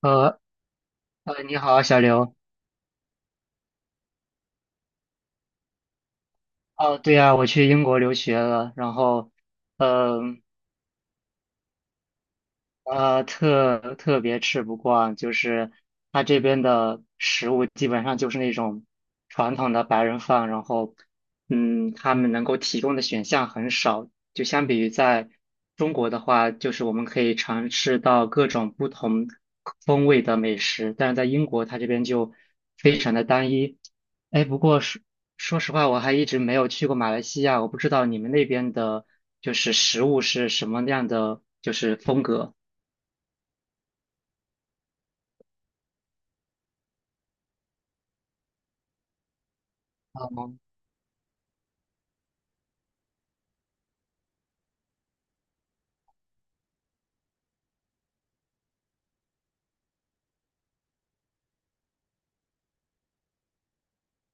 呃你好，小刘。哦，对呀，我去英国留学了，然后，嗯、特别吃不惯，就是他这边的食物基本上就是那种传统的白人饭，然后，嗯，他们能够提供的选项很少，就相比于在中国的话，就是我们可以尝试到各种不同风味的美食，但是在英国，它这边就非常的单一。哎，不过说实话，我还一直没有去过马来西亚，我不知道你们那边的，就是食物是什么样的，就是风格。哦，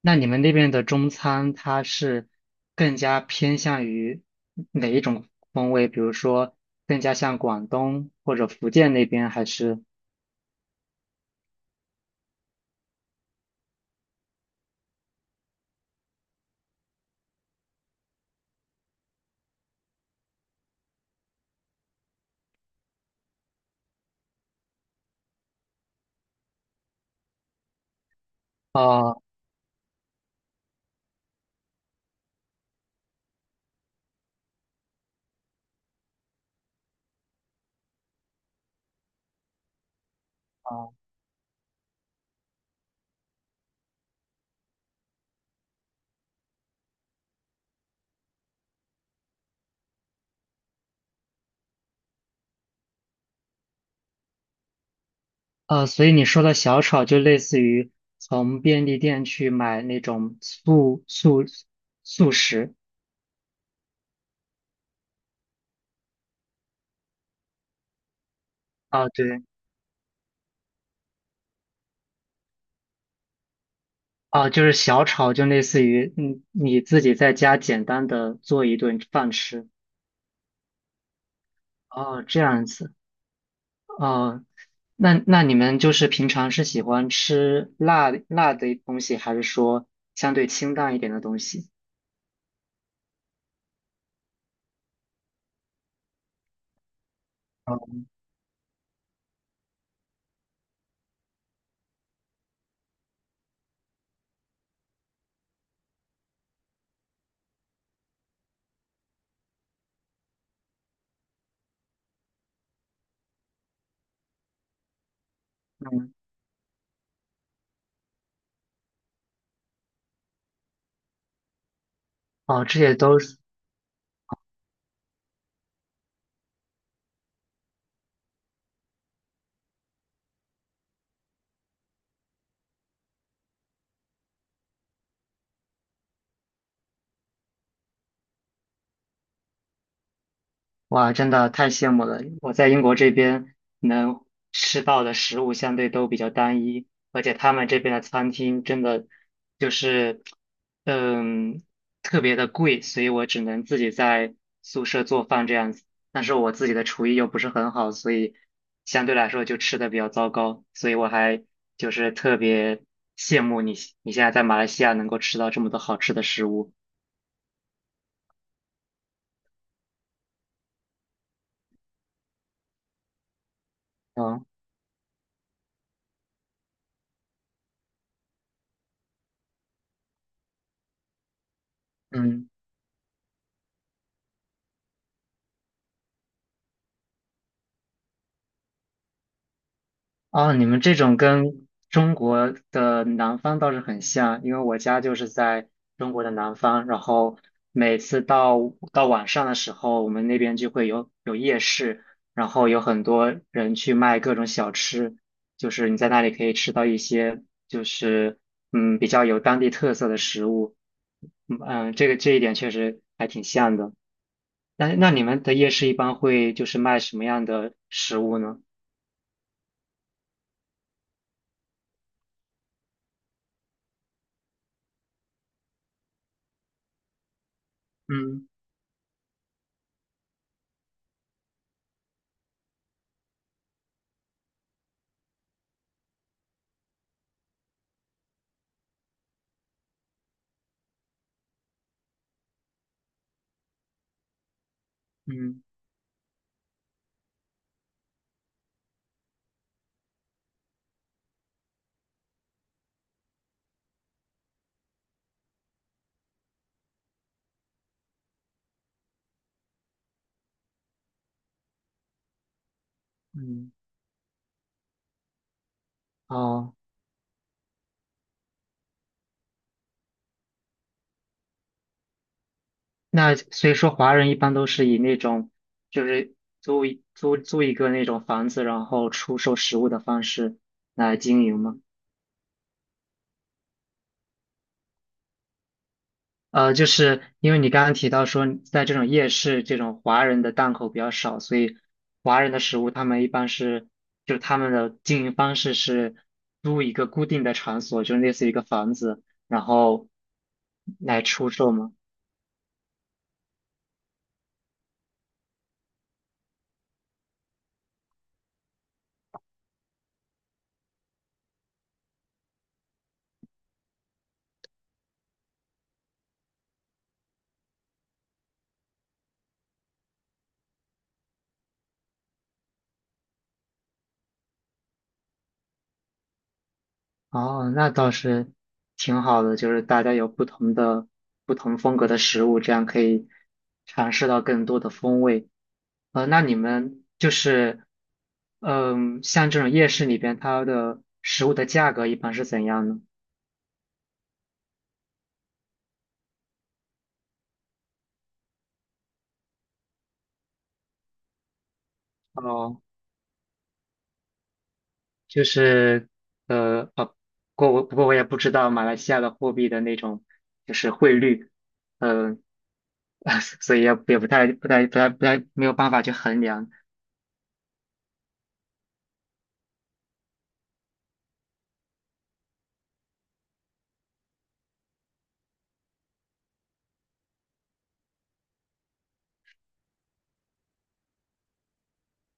那你们那边的中餐，它是更加偏向于哪一种风味？比如说，更加像广东或者福建那边，还是？哦哦所以你说的小炒就类似于从便利店去买那种速食啊，对啊，就是小炒就类似于嗯你自己在家简单的做一顿饭吃。哦，这样子。哦，那你们就是平常是喜欢吃辣辣的东西，还是说相对清淡一点的东西？嗯，哦，这些都是。哇，真的太羡慕了！我在英国这边能吃到的食物相对都比较单一，而且他们这边的餐厅真的就是，嗯，特别的贵，所以我只能自己在宿舍做饭这样子。但是我自己的厨艺又不是很好，所以相对来说就吃的比较糟糕。所以我还就是特别羡慕你，你现在在马来西亚能够吃到这么多好吃的食物。嗯嗯。哦，你们这种跟中国的南方倒是很像，因为我家就是在中国的南方，然后每次到晚上的时候，我们那边就会有夜市，然后有很多人去卖各种小吃，就是你在那里可以吃到一些就是嗯比较有当地特色的食物，嗯，嗯这一点确实还挺像的。那你们的夜市一般会就是卖什么样的食物呢？嗯嗯嗯。哦，那所以说华人一般都是以那种就是租一个那种房子，然后出售食物的方式来经营吗？呃，就是因为你刚刚提到说，在这种夜市，这种华人的档口比较少，所以华人的食物他们一般是，就他们的经营方式是租一个固定的场所，就类似于一个房子，然后来出售吗？哦，那倒是挺好的，就是大家有不同的、不同风格的食物，这样可以尝试到更多的风味。呃，那你们就是，嗯，像这种夜市里边，它的食物的价格一般是怎样呢？哦，就是，呃，哦，不过我也不知道马来西亚的货币的那种就是汇率，嗯、啊，所以也不太没有办法去衡量。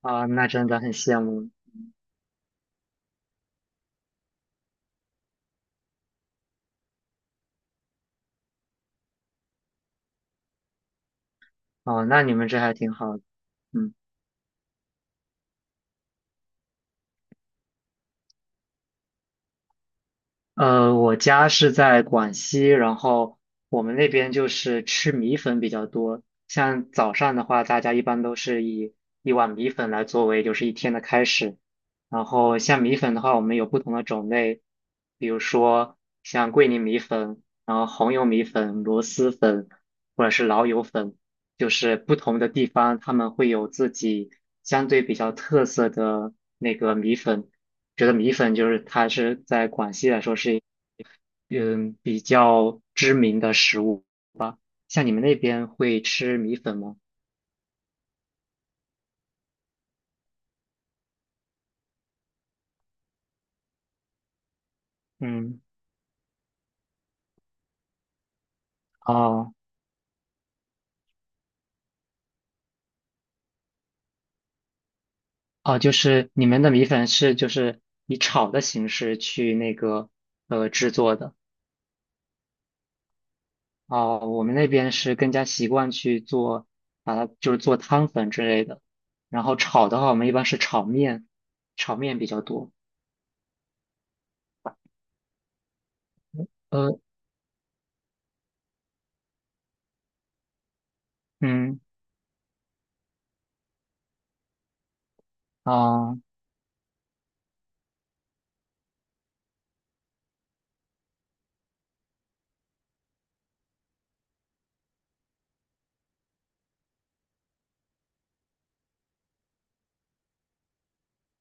啊，那真的很羡慕。哦，那你们这还挺好的。嗯，呃，我家是在广西，然后我们那边就是吃米粉比较多。像早上的话，大家一般都是以一碗米粉来作为就是一天的开始。然后像米粉的话，我们有不同的种类，比如说像桂林米粉，然后红油米粉、螺蛳粉，或者是老友粉，就是不同的地方他们会有自己相对比较特色的那个米粉。觉得米粉就是它是在广西来说是嗯比较知名的食物。像你们那边会吃米粉吗？嗯，哦哦,就是你们的米粉是就是以炒的形式去那个呃制作的。哦，我们那边是更加习惯去做，把它就是做汤粉之类的。然后炒的话，我们一般是炒面，炒面比较多。呃，嗯，啊、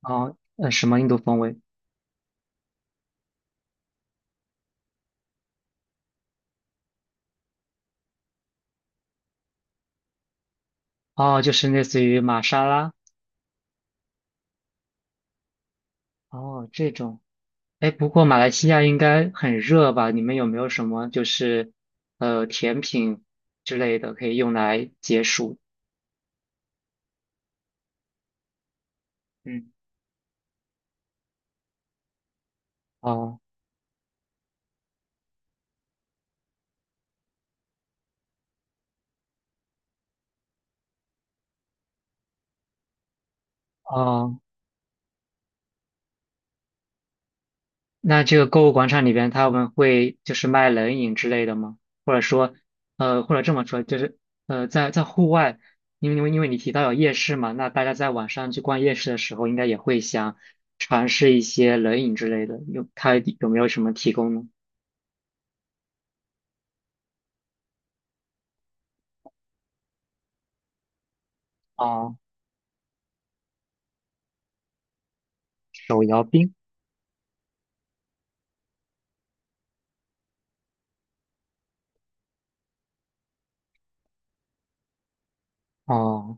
啊、呃，什么印度风味？哦，就是类似于玛莎拉，哦，这种，哎，不过马来西亚应该很热吧？你们有没有什么就是呃甜品之类的可以用来解暑？嗯，哦哦,那这个购物广场里边他们会就是卖冷饮之类的吗？或者说，呃，或者这么说，就是呃，在在户外，因为你提到有夜市嘛，那大家在晚上去逛夜市的时候，应该也会想尝试一些冷饮之类的，它有没有什么提供呢？哦，手摇冰，哦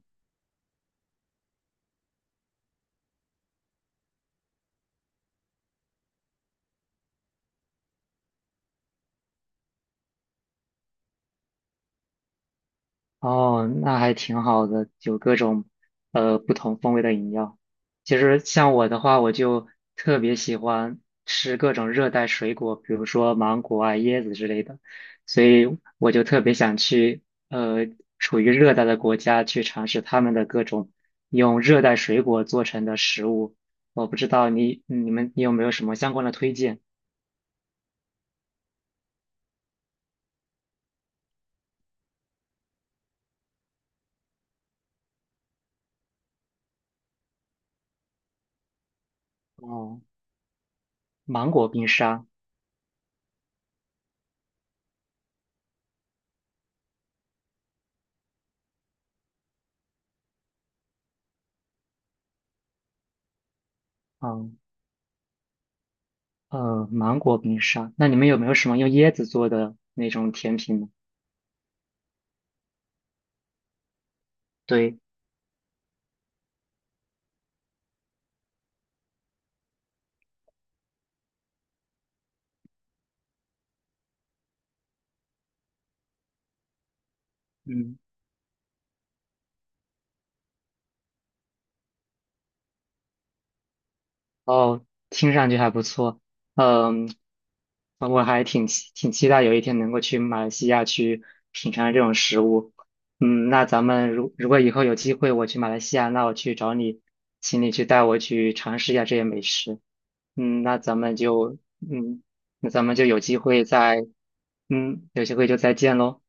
哦,那还挺好的，有各种呃不同风味的饮料。其实像我的话，我就特别喜欢吃各种热带水果，比如说芒果啊、椰子之类的，所以我就特别想去呃处于热带的国家去尝试他们的各种用热带水果做成的食物。我不知道你有没有什么相关的推荐？哦，芒果冰沙。嗯。呃，芒果冰沙，那你们有没有什么用椰子做的那种甜品呢？对，嗯，哦，听上去还不错，嗯，呃我还挺期待有一天能够去马来西亚去品尝这种食物。嗯，那咱们如果以后有机会我去马来西亚，那我去找你，请你去带我去尝试一下这些美食。嗯，那咱们就嗯，那咱们就有机会再嗯，有机会就再见喽。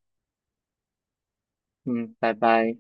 嗯，拜拜。